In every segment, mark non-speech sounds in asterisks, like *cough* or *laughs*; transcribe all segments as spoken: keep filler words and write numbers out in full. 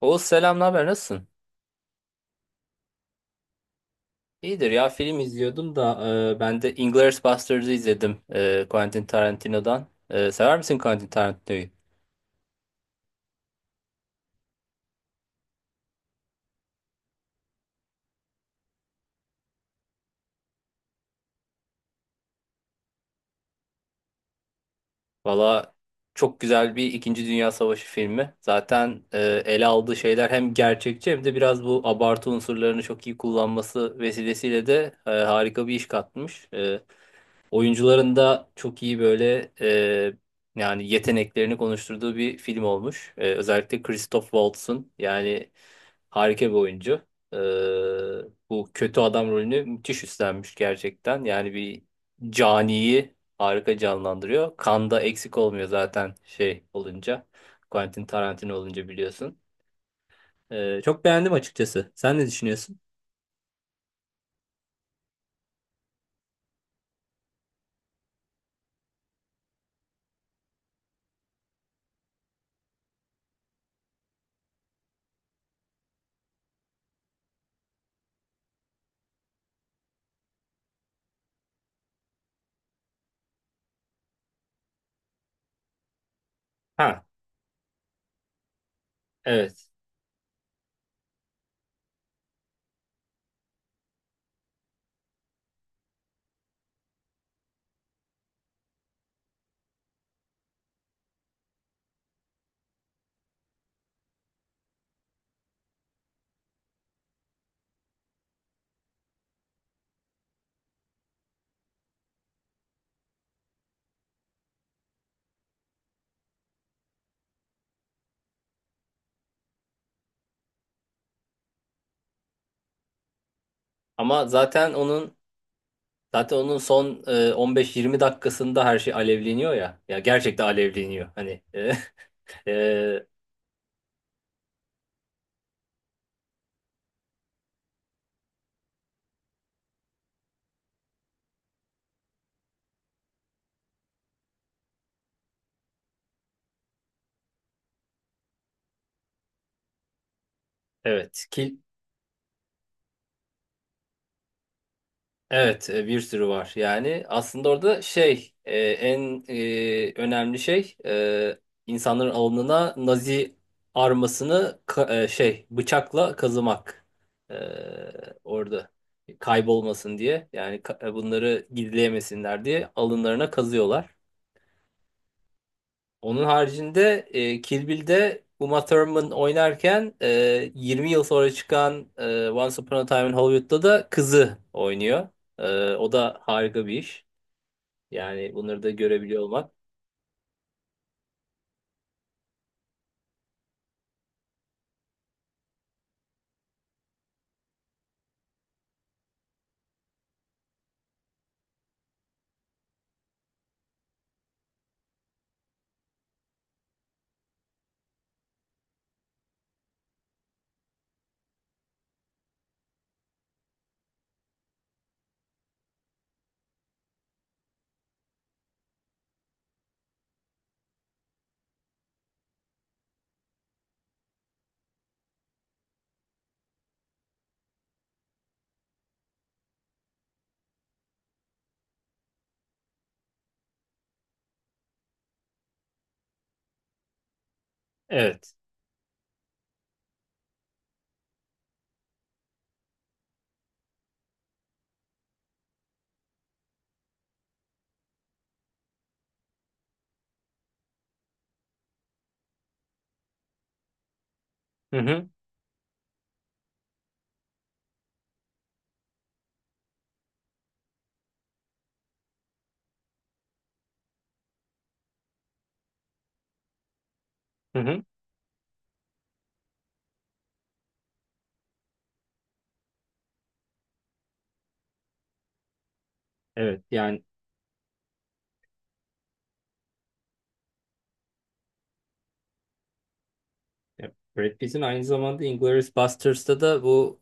Oğuz selam, ne haber? Nasılsın? İyidir ya, film izliyordum da e, ben de Inglourious Basterds'ı izledim, e, Quentin Tarantino'dan. E, sever misin Quentin Tarantino'yu? Valla çok güzel bir İkinci Dünya Savaşı filmi. Zaten e, ele aldığı şeyler hem gerçekçi hem de biraz bu abartı unsurlarını çok iyi kullanması vesilesiyle de e, harika bir iş katmış. E, Oyuncuların da çok iyi böyle, e, yani yeteneklerini konuşturduğu bir film olmuş. E, özellikle Christoph Waltz'ın, yani harika bir oyuncu. E, bu kötü adam rolünü müthiş üstlenmiş gerçekten. Yani bir caniyi harika canlandırıyor. Kanda eksik olmuyor zaten şey olunca. Quentin Tarantino olunca biliyorsun. E, çok beğendim açıkçası. Sen ne düşünüyorsun? Ha, evet. Ama zaten onun Zaten onun son e, on beş yirmi dakikasında her şey alevleniyor ya. Ya gerçekten alevleniyor. Hani, e, *laughs* e, evet kil evet, e, bir sürü var. Yani aslında orada şey e, en e, önemli şey, e, insanların alnına Nazi armasını ka- e, şey, bıçakla kazımak. E, Orada kaybolmasın diye, yani ka- e, bunları gizleyemesinler diye alınlarına kazıyorlar. Onun haricinde, e, Kill Bill'de Uma Thurman oynarken, e, yirmi yıl sonra çıkan e, Once Upon a Time in Hollywood'da da kızı oynuyor. E, o da harika bir iş. Yani bunları da görebiliyor olmak. Evet. Hı hı. Hı hı. Evet. Yani, e, Brad Pitt'in aynı zamanda Inglourious Basterds'ta da bu,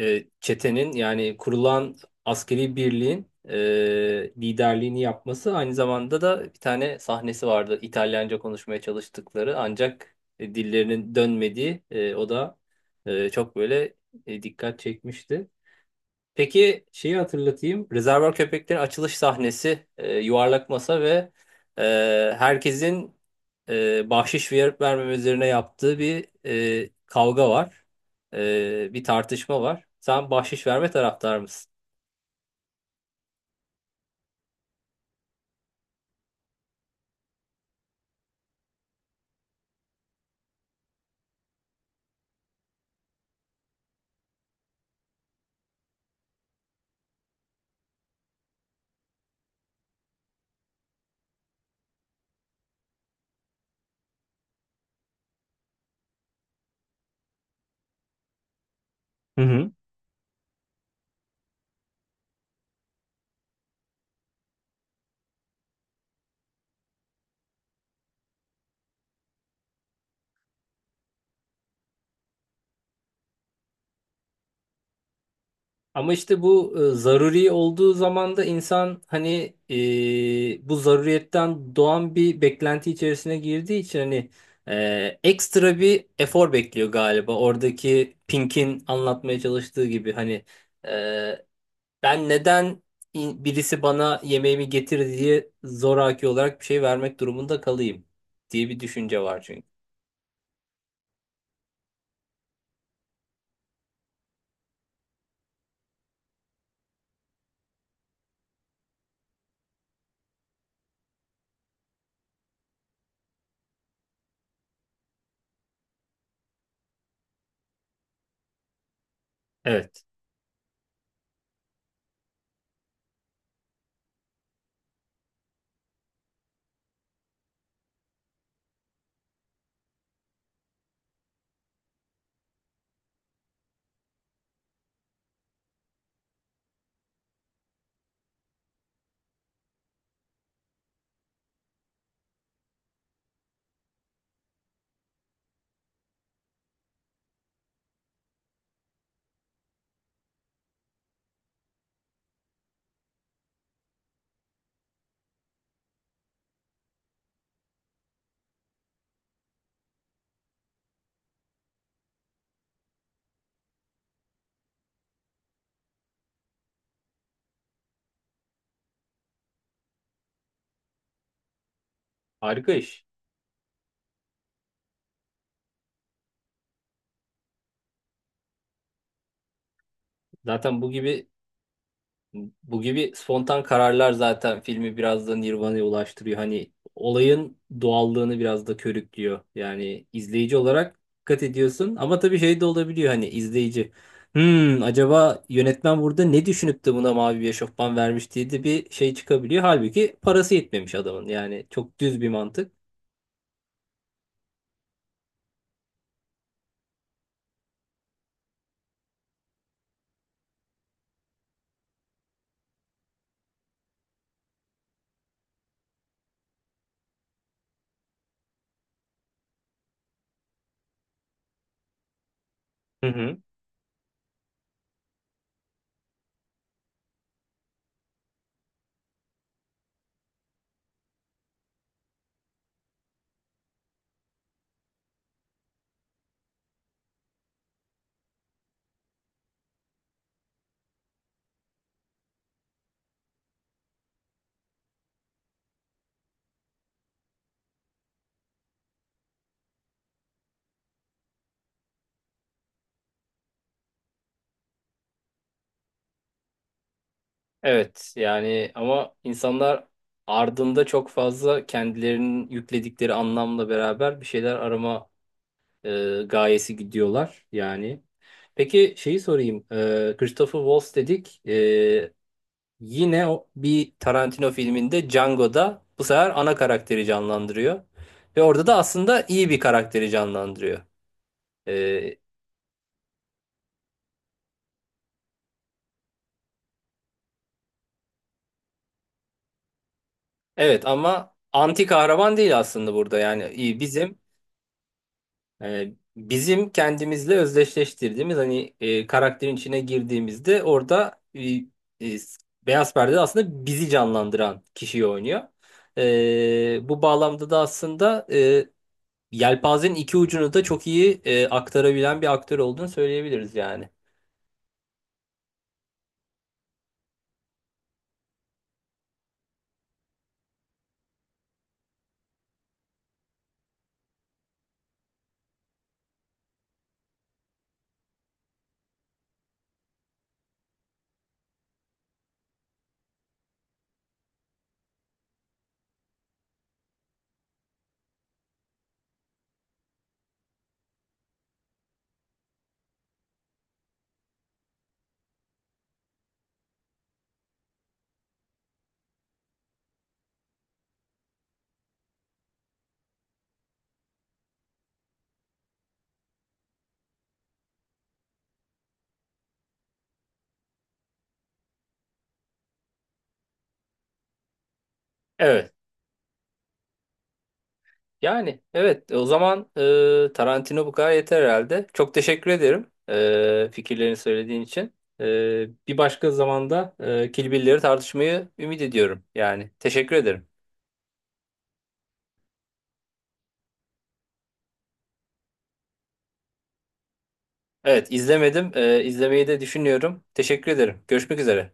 e, çetenin, yani kurulan askeri birliğin e, liderliğini yapması, aynı zamanda da bir tane sahnesi vardı. İtalyanca konuşmaya çalıştıkları ancak e, dillerinin dönmediği, e, o da e, çok böyle e, dikkat çekmişti. Peki şeyi hatırlatayım. Rezervuar Köpeklerin açılış sahnesi, e, yuvarlak masa ve e, herkesin e, bahşiş verip vermeme üzerine yaptığı bir e, kavga var. E, bir tartışma var. Sen bahşiş verme taraftar mısın? Hı hı. Ama işte bu, e, zaruri olduğu zaman da insan hani, e, bu zaruriyetten doğan bir beklenti içerisine girdiği için hani, e, ekstra bir efor bekliyor galiba. Oradaki Pink'in anlatmaya çalıştığı gibi, hani, e, ben neden in- birisi bana yemeğimi getir diye zoraki olarak bir şey vermek durumunda kalayım diye bir düşünce var çünkü. Evet, harika iş. Zaten bu gibi Bu gibi spontan kararlar zaten filmi biraz da Nirvana'ya ulaştırıyor. Hani olayın doğallığını biraz da körüklüyor. Yani izleyici olarak dikkat ediyorsun, ama tabii şey de olabiliyor, hani izleyici. Hmm, acaba yönetmen burada ne düşünüp de buna mavi bir eşofman vermiş diye de bir şey çıkabiliyor. Halbuki parası yetmemiş adamın. Yani çok düz bir mantık. Hı hı. Evet, yani ama insanlar ardında çok fazla kendilerinin yükledikleri anlamla beraber bir şeyler arama e, gayesi gidiyorlar yani. Peki şeyi sorayım. E, Christopher Waltz dedik. E, yine o, bir Tarantino filminde Django'da bu sefer ana karakteri canlandırıyor. Ve orada da aslında iyi bir karakteri canlandırıyor. E, evet, ama anti kahraman değil aslında burada, yani iyi bizim... E, bizim kendimizle özdeşleştirdiğimiz hani, e, karakterin içine girdiğimizde orada, e, e, beyaz perdede aslında bizi canlandıran kişiyi oynuyor. E, bu bağlamda da aslında e, yelpazenin iki ucunu da çok iyi e, aktarabilen bir aktör olduğunu söyleyebiliriz yani. Evet. Yani evet, o zaman, e, Tarantino bu kadar yeter herhalde. Çok teşekkür ederim, e, fikirlerini söylediğin için. E, bir başka zamanda, e, Kill Bill'leri tartışmayı ümit ediyorum. Yani teşekkür ederim. Evet, izlemedim. E, izlemeyi de düşünüyorum. Teşekkür ederim. Görüşmek üzere.